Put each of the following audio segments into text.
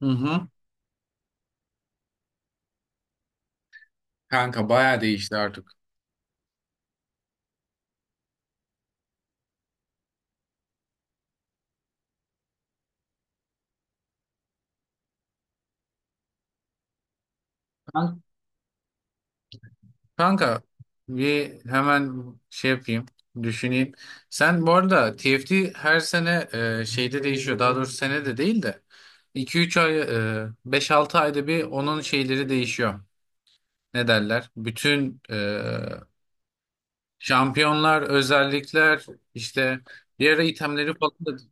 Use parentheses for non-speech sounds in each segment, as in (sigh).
Hı hı. Kanka bayağı değişti artık. Kan- Kanka bir hemen şey yapayım, düşüneyim. Sen bu arada TFT her sene şeyde değişiyor. Daha doğrusu sene de değil de iki üç ay, 5-6 ayda bir onun şeyleri değişiyor. Ne derler? Bütün şampiyonlar, özellikler, işte bir ara itemleri falan da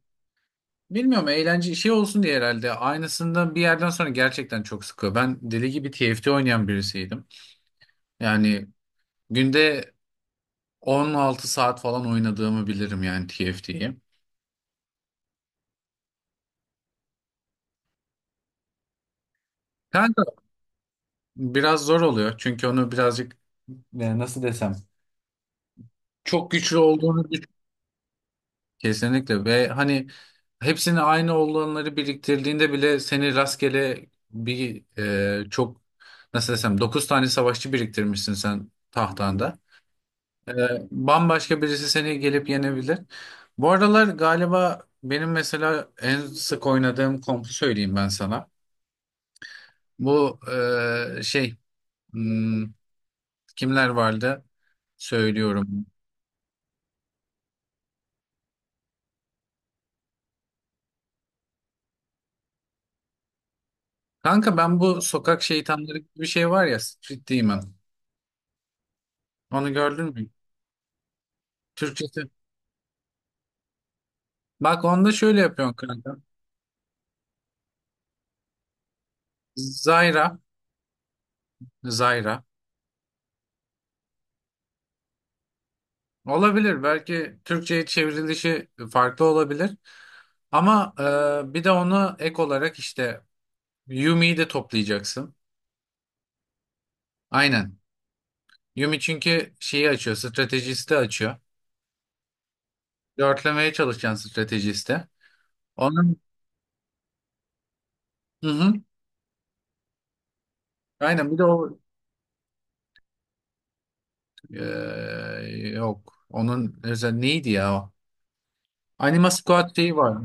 bilmiyorum, eğlence şey olsun diye herhalde. Aynısından bir yerden sonra gerçekten çok sıkıyor. Ben deli gibi TFT oynayan birisiydim. Yani günde 16 saat falan oynadığımı bilirim yani TFT'yi. Kanka biraz zor oluyor çünkü onu birazcık nasıl desem çok güçlü olduğunu düşün. Kesinlikle ve hani hepsini aynı olanları biriktirdiğinde bile seni rastgele bir çok nasıl desem 9 tane savaşçı biriktirmişsin sen tahtanda. E, bambaşka birisi seni gelip yenebilir. Bu aralar galiba benim mesela en sık oynadığım kompu söyleyeyim ben sana. Bu şey hmm, kimler vardı? Söylüyorum. Kanka ben bu sokak şeytanları gibi bir şey var ya, Street Demon. Onu gördün mü? Türkçesi. Bak onda şöyle yapıyorsun kanka. Zayra. Zayra. Olabilir. Belki Türkçe'ye çevrilişi farklı olabilir. Ama bir de onu ek olarak işte Yumi'yi de toplayacaksın. Aynen. Yumi çünkü şeyi açıyor. Stratejisti açıyor. Dörtlemeye çalışacaksın stratejiste. Onun. Hı hı. Aynen bir de o, yok. Onun özel neydi ya o? Anima Squad şeyi var.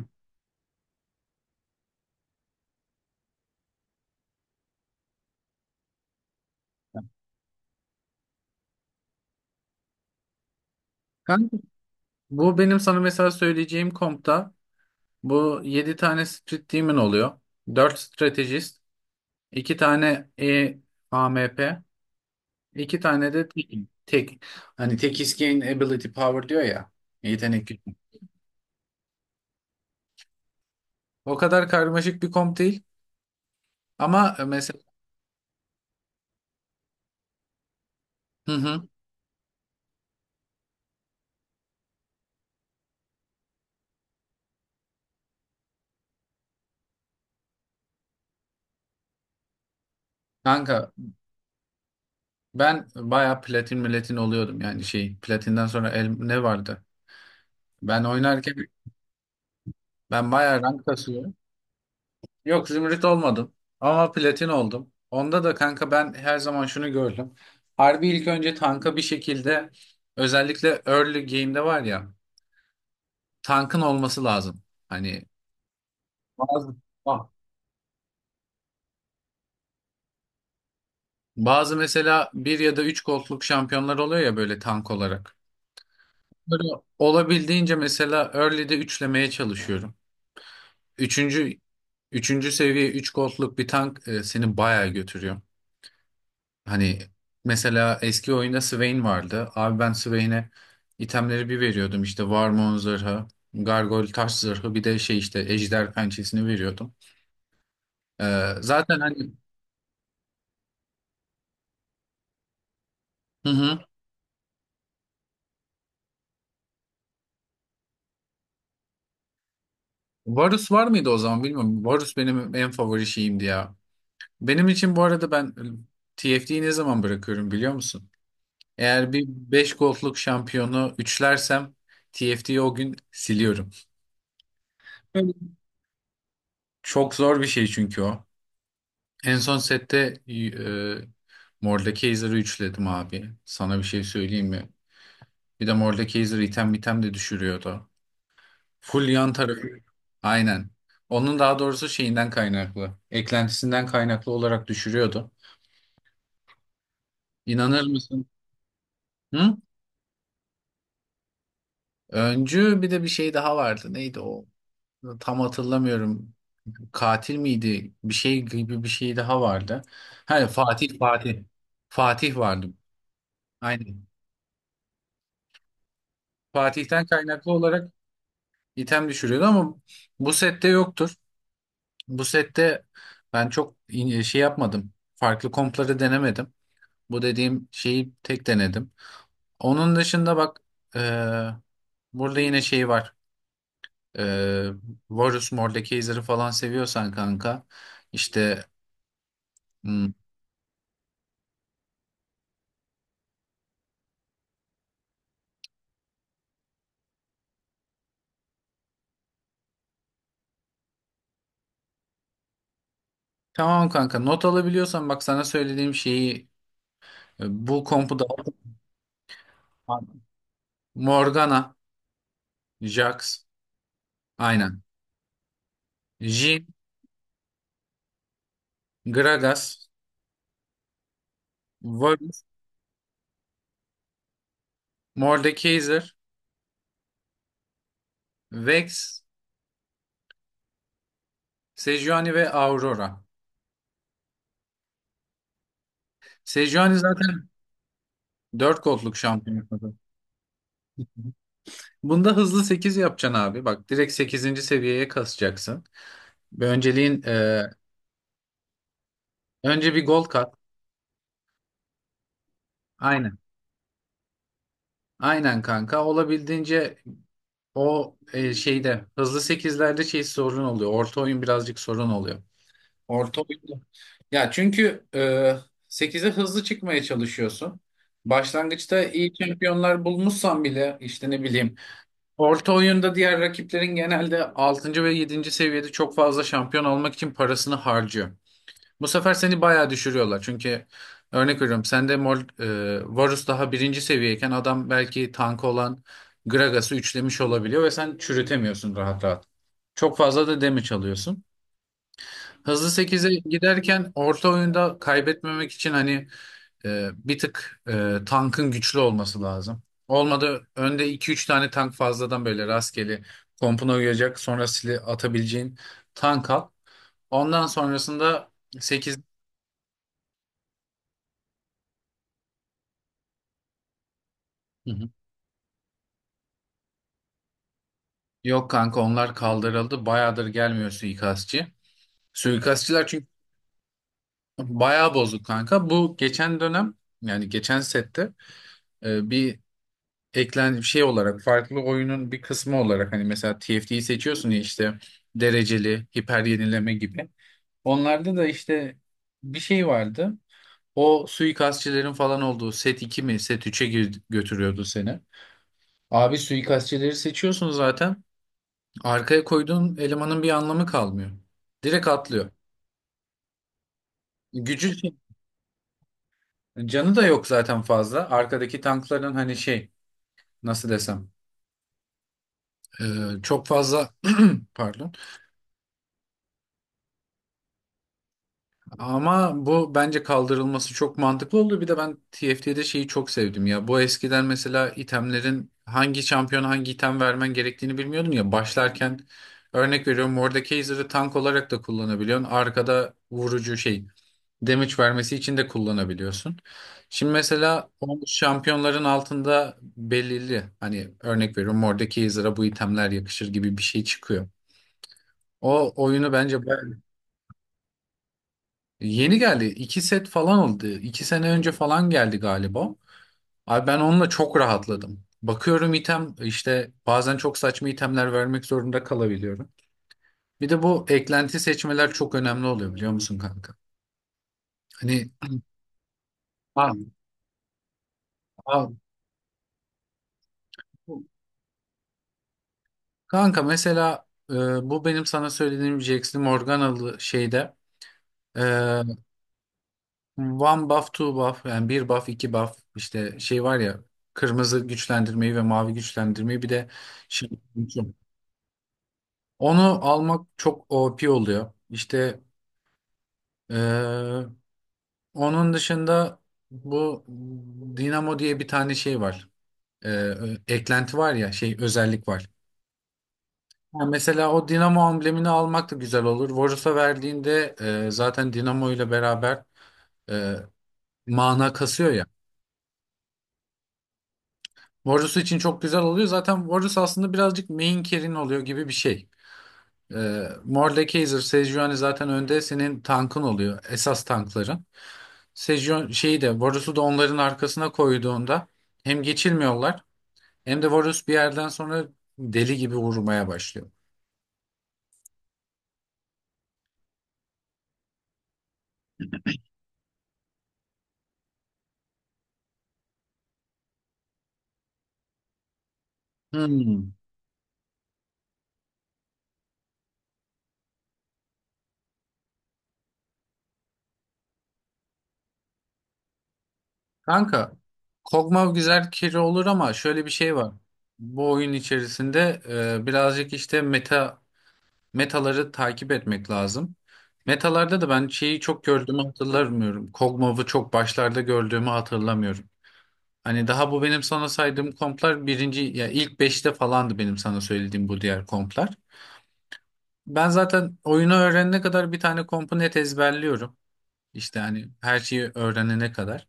Kanka, bu benim sana mesela söyleyeceğim kompta bu 7 tane Street Demon oluyor. 4 stratejist, 2 tane A M P, 2 tane de tek, tek. Hani tek is gain ability power diyor ya. Yetenek gücü. O kadar karmaşık bir komp değil. Ama mesela hı hı. Kanka ben bayağı platin milletin oluyordum, yani şey, platinden sonra ne vardı? Ben oynarken ben bayağı rank kasıyorum. Yok zümrüt olmadım ama platin oldum. Onda da kanka ben her zaman şunu gördüm. Harbi ilk önce tanka bir şekilde özellikle early game'de var ya tankın olması lazım. Hani bazı ah, bazı mesela bir ya da üç gold'luk şampiyonlar oluyor ya böyle tank olarak. Böyle olabildiğince mesela early'de üçlemeye çalışıyorum. Üçüncü, üçüncü seviye üç gold'luk bir tank seni bayağı götürüyor. Hani mesela eski oyunda Swain vardı. Abi ben Swain'e itemleri bir veriyordum. İşte Warmon zırhı, Gargoyle taş zırhı, bir de şey işte Ejder pençesini veriyordum. Zaten hani hı hı. Varus var mıydı o zaman bilmiyorum. Varus benim en favori şeyimdi ya. Benim için bu arada ben TFT'yi ne zaman bırakıyorum biliyor musun? Eğer bir 5 gold'luk şampiyonu üçlersem TFT'yi o gün siliyorum. Öyle. Çok zor bir şey çünkü o. En son sette Mordekaiser'ı üçledim abi. Sana bir şey söyleyeyim mi? Bir de Mordekaiser item item de düşürüyordu. Full yan tarafı. Aynen. Onun daha doğrusu şeyinden kaynaklı. Eklentisinden kaynaklı olarak düşürüyordu. İnanır mısın? Hı? Öncü bir de bir şey daha vardı. Neydi o? Tam hatırlamıyorum. Katil miydi? Bir şey gibi bir şey daha vardı. Hani Fatih Fatih. Fatih vardı. Aynen. Fatih'ten kaynaklı olarak item düşürüyordu ama bu sette yoktur. Bu sette ben çok şey yapmadım. Farklı kompları denemedim. Bu dediğim şeyi tek denedim. Onun dışında bak e, burada yine şey var. E, Varus Mordekaiser'ı falan seviyorsan kanka işte hmm, tamam kanka, not alabiliyorsan bak sana söylediğim şeyi, bu kompu da Morgana, Jax aynen. Jhin, Gragas, Varus, Mordekaiser, Vex, Sejuani ve Aurora. Sejuani zaten 4 gold'luk şampiyon. Bunda hızlı 8 yapacaksın abi. Bak direkt sekizinci seviyeye kasacaksın. Bir önceliğin, önce bir gold kat. Aynen. Aynen kanka. Olabildiğince o şeyde hızlı sekizlerde şey sorun oluyor. Orta oyun birazcık sorun oluyor. Orta oyunda. Ya çünkü 8'e hızlı çıkmaya çalışıyorsun. Başlangıçta iyi şampiyonlar bulmuşsan bile işte ne bileyim orta oyunda diğer rakiplerin genelde 6. ve yedinci seviyede çok fazla şampiyon almak için parasını harcıyor. Bu sefer seni bayağı düşürüyorlar. Çünkü örnek veriyorum sende Varus daha birinci seviyeyken adam belki tank olan Gragas'ı üçlemiş olabiliyor ve sen çürütemiyorsun rahat rahat. Çok fazla da damage alıyorsun. Hızlı sekize giderken orta oyunda kaybetmemek için hani bir tık tankın güçlü olması lazım. Olmadı önde iki üç tane tank fazladan böyle rastgele kompuna uyacak sonra sili atabileceğin tank al. Ondan sonrasında sekiz. Hı hı. Yok kanka onlar kaldırıldı. Bayağıdır gelmiyor suikastçı. Suikastçılar çünkü bayağı bozuk kanka. Bu geçen dönem, yani geçen sette e, bir bir şey olarak farklı oyunun bir kısmı olarak hani mesela TFT'yi seçiyorsun ya işte dereceli hiper yenileme gibi. Onlarda da işte bir şey vardı. O suikastçilerin falan olduğu set 2 mi set üçe götürüyordu seni. Abi suikastçileri seçiyorsun zaten. Arkaya koyduğun elemanın bir anlamı kalmıyor. Direkt atlıyor. Gücü şey, canı da yok zaten fazla. Arkadaki tankların hani şey nasıl desem e, çok fazla (clears throat) pardon. Ama bu bence kaldırılması çok mantıklı oldu. Bir de ben TFT'de şeyi çok sevdim ya. Bu eskiden mesela itemlerin hangi şampiyon hangi item vermen gerektiğini bilmiyordun ya. Başlarken örnek veriyorum Mordekaiser'ı tank olarak da kullanabiliyorsun. Arkada vurucu şey damage vermesi için de kullanabiliyorsun. Şimdi mesela o şampiyonların altında belirli hani örnek veriyorum Mordekaiser'a bu itemler yakışır gibi bir şey çıkıyor. O oyunu bence bayağı. Yeni geldi. İki set falan oldu. İki sene önce falan geldi galiba. Abi ben onunla çok rahatladım. Bakıyorum item işte bazen çok saçma itemler vermek zorunda kalabiliyorum. Bir de bu eklenti seçmeler çok önemli oluyor biliyor musun kanka? Hani a- a- kanka mesela bu benim sana söylediğim Jax'li Morganalı şeyde e, one buff two buff yani bir buff iki buff işte şey var ya, kırmızı güçlendirmeyi ve mavi güçlendirmeyi, bir de şey. Onu almak çok OP oluyor. İşte eee, onun dışında bu Dinamo diye bir tane şey var. Eee, eklenti var ya şey özellik var. Ha, mesela o Dinamo amblemini almak da güzel olur. Varus'a verdiğinde zaten Dinamo ile beraber eee, mana kasıyor ya. Varus için çok güzel oluyor. Zaten Varus aslında birazcık main carry'in oluyor gibi bir şey. Morle Kaiser, Sejuani zaten önde senin tankın oluyor. Esas tankların. Sejuani şeyi de Varus'u da onların arkasına koyduğunda hem geçilmiyorlar, hem de Varus bir yerden sonra deli gibi vurmaya başlıyor. Hmm. Kanka Kog'Maw güzel carry olur ama şöyle bir şey var. Bu oyun içerisinde birazcık işte meta metaları takip etmek lazım. Metalarda da ben şeyi çok gördüğümü hatırlamıyorum. Kog'Maw'ı çok başlarda gördüğümü hatırlamıyorum. Hani daha bu benim sana saydığım komplar birinci ya ilk beşte falandı benim sana söylediğim bu diğer komplar. Ben zaten oyunu öğrenene kadar bir tane kompu net ezberliyorum. İşte hani her şeyi öğrenene kadar.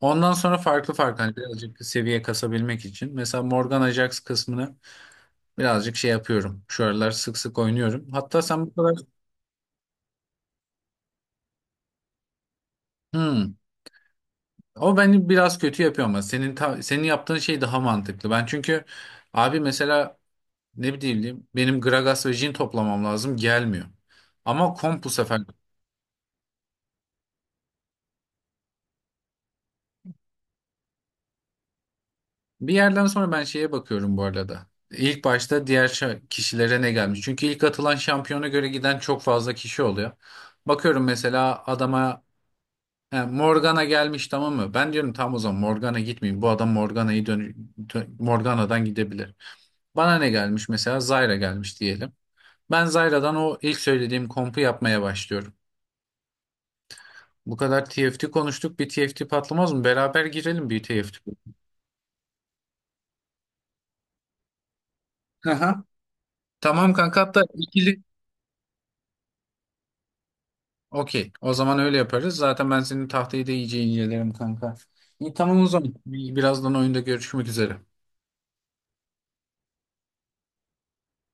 Ondan sonra farklı farklı hani birazcık seviye kasabilmek için. Mesela Morgan Ajax kısmını birazcık şey yapıyorum. Şu aralar sık sık oynuyorum. Hatta sen bu kadar... Hmm. O beni biraz kötü yapıyor ama senin yaptığın şey daha mantıklı. Ben çünkü abi mesela ne bileyim benim Gragas ve Jin toplamam lazım gelmiyor. Ama komp bu sefer. Bir yerden sonra ben şeye bakıyorum bu arada. İlk başta diğer kişilere ne gelmiş? Çünkü ilk atılan şampiyona göre giden çok fazla kişi oluyor. Bakıyorum mesela adama he, Morgana gelmiş tamam mı? Ben diyorum tam o zaman Morgana gitmeyeyim. Bu adam Morgana'yı Morgana'dan gidebilir. Bana ne gelmiş mesela? Zyra gelmiş diyelim. Ben Zyra'dan o ilk söylediğim kompu yapmaya başlıyorum. Bu kadar TFT konuştuk. Bir TFT patlamaz mı? Beraber girelim bir TFT. Aha. Tamam kanka hatta ikili. Okey. O zaman öyle yaparız. Zaten ben senin tahtayı da iyice incelerim kanka. İyi tamam o zaman. Birazdan oyunda görüşmek üzere.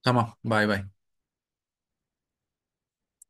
Tamam. Bay bay.